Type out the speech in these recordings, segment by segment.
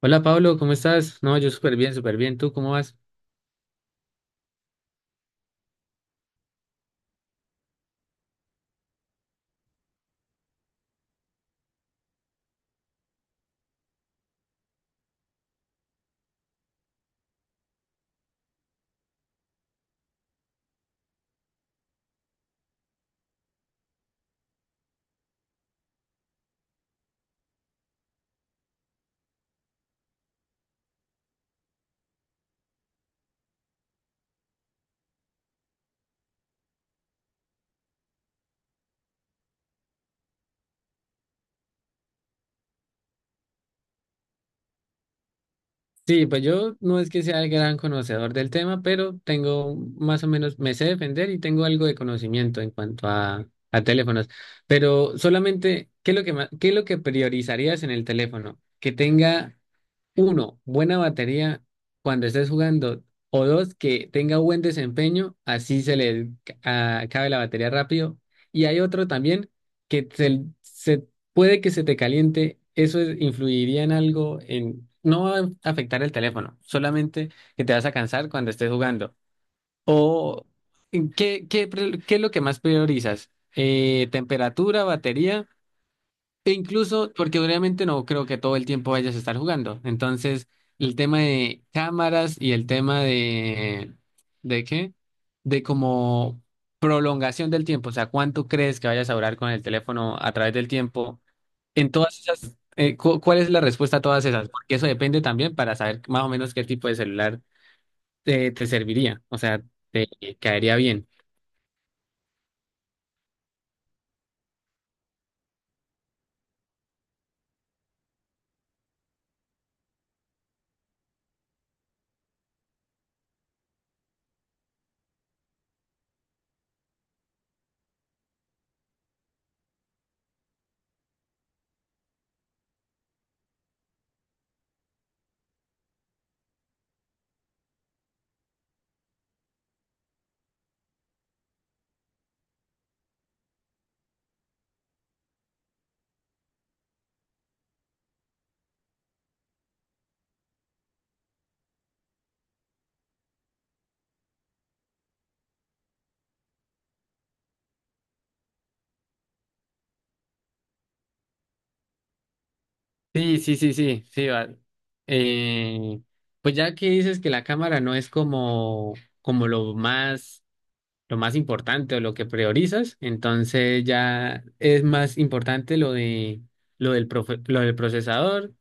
Hola Pablo, ¿cómo estás? No, yo súper bien, súper bien. ¿Tú cómo vas? Sí, pues yo no es que sea el gran conocedor del tema, pero tengo más o menos, me sé defender y tengo algo de conocimiento en cuanto a teléfonos. Pero solamente, ¿qué es lo que qué es lo que priorizarías en el teléfono? ¿Que tenga uno, buena batería cuando estés jugando? O dos, que tenga buen desempeño, así se le acabe la batería rápido. Y hay otro también que puede que se te caliente. Influiría en algo, en, no va a afectar el teléfono, solamente que te vas a cansar cuando estés jugando. O, ¿qué es lo que más priorizas? ¿Temperatura, batería? E incluso, porque obviamente no creo que todo el tiempo vayas a estar jugando. Entonces, el tema de cámaras y el tema ¿de qué? De como prolongación del tiempo. O sea, ¿cuánto crees que vayas a durar con el teléfono a través del tiempo? En todas esas, ¿cuál es la respuesta a todas esas? Porque eso depende también para saber más o menos qué tipo de celular te serviría. O sea, te caería bien. Sí, sí, sí, sí, sí, vale. Eh, pues ya que dices que la cámara no es como, como lo más importante o lo que priorizas, entonces ya es más importante lo de, lo del procesador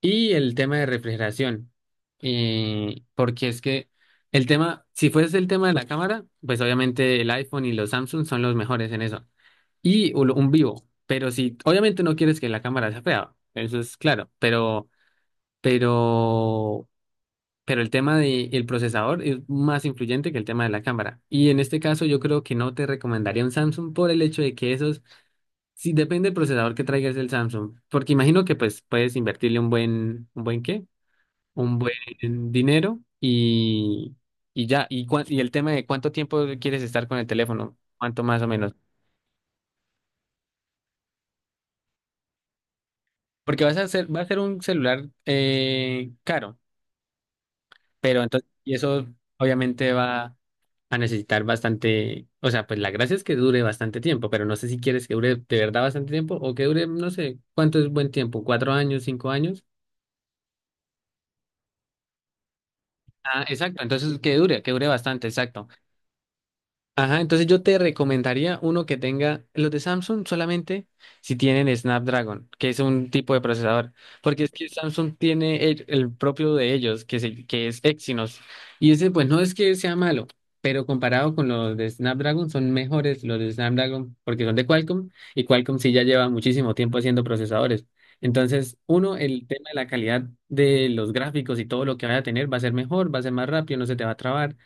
y el tema de refrigeración. Porque es que el tema, si fuese el tema de la cámara, pues obviamente el iPhone y los Samsung son los mejores en eso y un vivo. Pero si, obviamente no quieres que la cámara sea fea, eso es claro, pero, pero, pero el tema del procesador es más influyente que el tema de la cámara. Y en este caso yo creo que no te recomendaría un Samsung por el hecho de que esos, si depende del procesador que traigas el Samsung, porque imagino que pues puedes invertirle un buen qué, un buen dinero y ya, y el tema de cuánto tiempo quieres estar con el teléfono, cuánto más o menos. Porque vas a hacer, va a ser un celular caro, pero entonces, y eso obviamente va a necesitar bastante, o sea, pues la gracia es que dure bastante tiempo, pero no sé si quieres que dure de verdad bastante tiempo o que dure, no sé, ¿cuánto es buen tiempo? ¿Cuatro años, cinco años? Ah, exacto, entonces que dure bastante, exacto. Ajá, entonces yo te recomendaría uno que tenga los de Samsung solamente si tienen Snapdragon, que es un tipo de procesador, porque es que Samsung tiene el propio de ellos, que es Exynos, y ese pues no es que sea malo, pero comparado con los de Snapdragon son mejores los de Snapdragon porque son de Qualcomm y Qualcomm sí ya lleva muchísimo tiempo haciendo procesadores. Entonces, uno, el tema de la calidad de los gráficos y todo lo que vaya a tener va a ser mejor, va a ser más rápido, no se te va a trabar.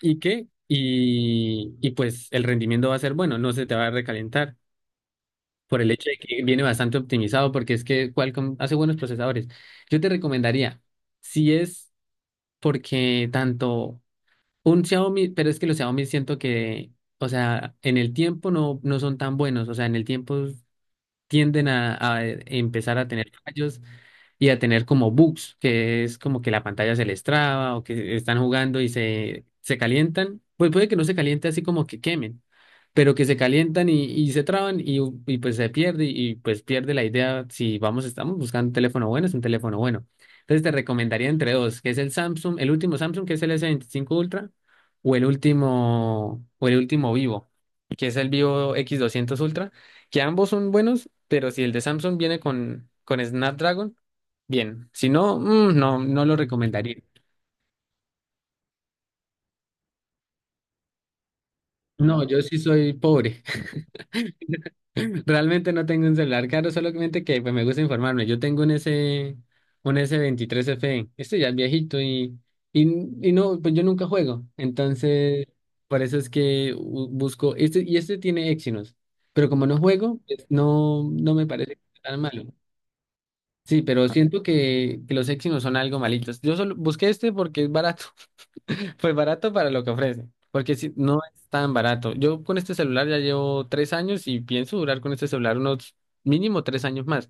¿Y qué? Pues el rendimiento va a ser bueno, no se te va a recalentar por el hecho de que viene bastante optimizado, porque es que Qualcomm hace buenos procesadores. Yo te recomendaría, si es porque tanto un Xiaomi, pero es que los Xiaomi siento que, o sea, en el tiempo no son tan buenos, o sea, en el tiempo tienden a empezar a tener fallos y a tener como bugs, que es como que la pantalla se les traba o que están jugando se calientan. Pues puede que no se caliente así como que quemen, pero que se calientan y se traban y pues se pierde y pues pierde la idea si vamos, estamos buscando un teléfono bueno, es un teléfono bueno. Entonces te recomendaría entre dos, que es el Samsung, el último Samsung, que es el S25 Ultra, o el último Vivo, que es el Vivo X200 Ultra, que ambos son buenos, pero si el de Samsung viene con Snapdragon, bien, si no, no, no lo recomendaría. No, yo sí soy pobre. Realmente no tengo un celular caro, solamente que pues, me gusta informarme. Yo tengo un S, un S23F. Este ya es viejito y, y no, pues yo nunca juego. Entonces, por eso es que busco. Este, y este tiene Exynos. Pero como no juego, pues, no, no me parece tan malo. Sí, pero siento que los Exynos son algo malitos. Yo solo busqué este porque es barato. Pues barato para lo que ofrece, porque si no es tan barato. Yo con este celular ya llevo 3 años y pienso durar con este celular unos mínimo 3 años más,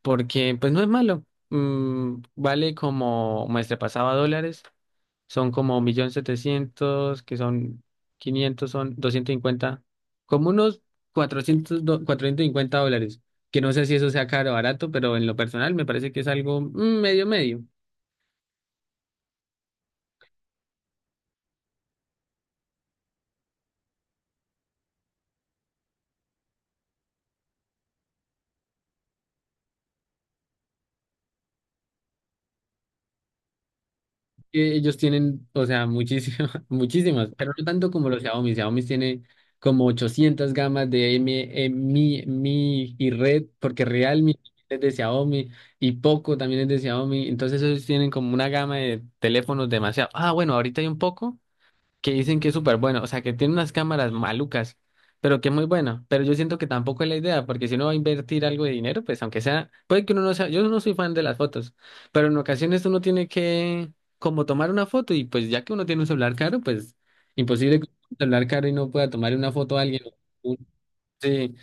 porque pues no es malo. Vale, como me pasaba dólares, son como 1.700.000, que son 500 son 250, como unos 400 450 dólares, que no sé si eso sea caro o barato, pero en lo personal me parece que es algo medio medio. Que ellos tienen, o sea, muchísimas, muchísimas, pero no tanto como los Xiaomi. Xiaomi tiene como 800 gamas de M, Mi, y Red, porque Realme es de Xiaomi y Poco también es de Xiaomi. Entonces ellos tienen como una gama de teléfonos demasiado. Ah, bueno, ahorita hay un Poco que dicen que es súper bueno, o sea, que tiene unas cámaras malucas, pero que es muy bueno. Pero yo siento que tampoco es la idea, porque si uno va a invertir algo de dinero, pues aunque sea, puede que uno no sea, yo no soy fan de las fotos, pero en ocasiones uno tiene que como tomar una foto y pues ya que uno tiene un celular caro, pues imposible que un celular caro y no pueda tomar una foto a alguien. Un- Sí.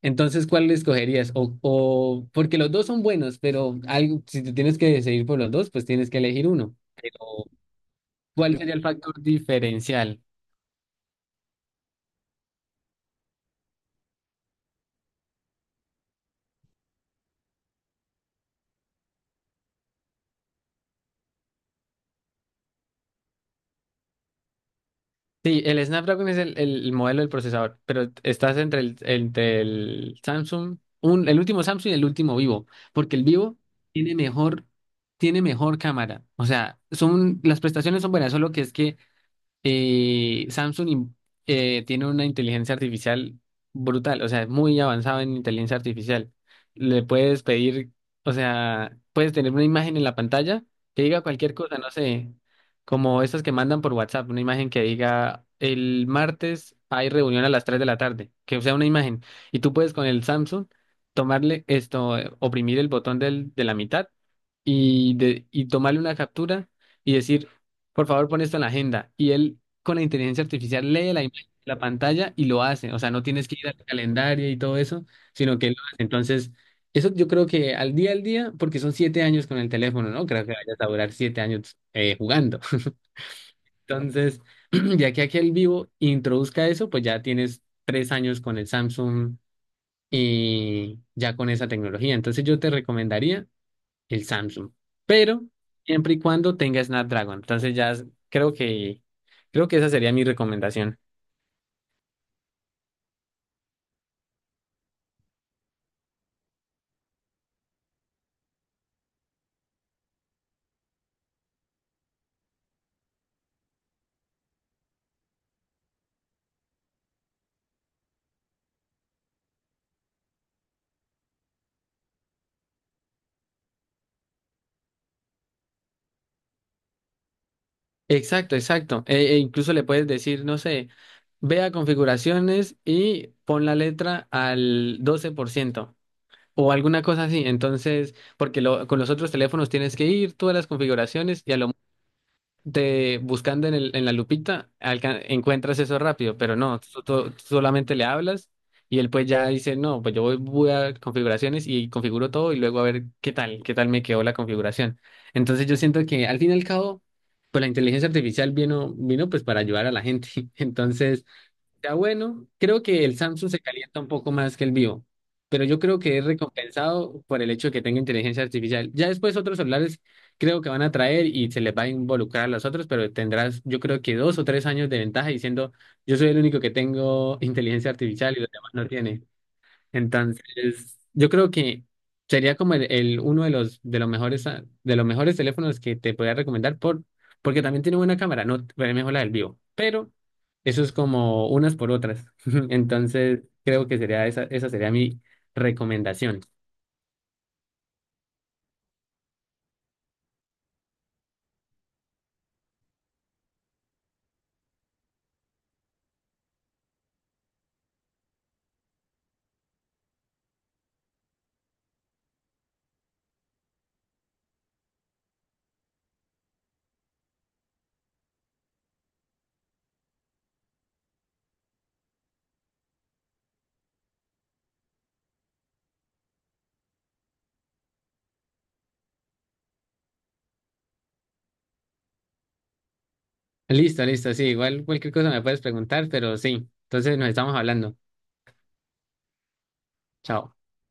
Entonces, ¿cuál escogerías? O porque los dos son buenos, pero algo, si te tienes que decidir por los dos, pues tienes que elegir uno. O, ¿cuál sería el factor diferencial? Sí, el Snapdragon es modelo del procesador, pero estás entre el Samsung, un, el último Samsung y el último Vivo, porque el Vivo tiene mejor, tiene mejor cámara. O sea, son, las prestaciones son buenas, solo que es que y Samsung tiene una inteligencia artificial brutal, o sea, es muy avanzado en inteligencia artificial. Le puedes pedir, o sea, puedes tener una imagen en la pantalla que diga cualquier cosa, no sé, como estas que mandan por WhatsApp, una imagen que diga el martes hay reunión a las 3 de la tarde, que sea una imagen. Y tú puedes con el Samsung tomarle esto, oprimir el botón del, de la mitad y tomarle una captura y decir, por favor, pon esto en la agenda. Y él con la inteligencia artificial lee la imagen de la pantalla y lo hace. O sea, no tienes que ir al calendario y todo eso, sino que él lo hace. Entonces, eso yo creo que al día, porque son 7 años con el teléfono, ¿no? Creo que vayas a durar 7 años jugando. Entonces, ya que aquí el vivo introduzca eso, pues ya tienes 3 años con el Samsung y ya con esa tecnología. Entonces, yo te recomendaría el Samsung, pero siempre y cuando tenga Snapdragon. Creo que esa sería mi recomendación. Exacto, exacto. Incluso le puedes decir, no sé, ve a configuraciones y pon la letra al 12% o alguna cosa así. Entonces, con los otros teléfonos tienes que ir tú a las configuraciones y a lo de buscando en en la lupita, encuentras eso rápido, pero no, tú solamente le hablas y él pues ya dice, no, pues yo voy, voy a configuraciones y configuro todo y luego a ver qué tal me quedó la configuración. Entonces yo siento que al fin y al cabo, pues la inteligencia artificial vino, vino pues para ayudar a la gente. Entonces, está bueno. Creo que el Samsung se calienta un poco más que el Vivo, pero yo creo que es recompensado por el hecho de que tenga inteligencia artificial. Ya después otros celulares creo que van a traer y se les va a involucrar a los otros, pero tendrás yo creo que 2 o 3 años de ventaja diciendo yo soy el único que tengo inteligencia artificial y los demás no tienen. Entonces, yo creo que sería como uno de los mejores de los mejores teléfonos que te podría recomendar por porque también tiene buena cámara, no es mejor la del vivo, pero eso es como unas por otras. Entonces, creo que sería esa sería mi recomendación. Listo, listo, sí, igual cualquier cosa me puedes preguntar, pero sí. Entonces nos estamos hablando. Chao.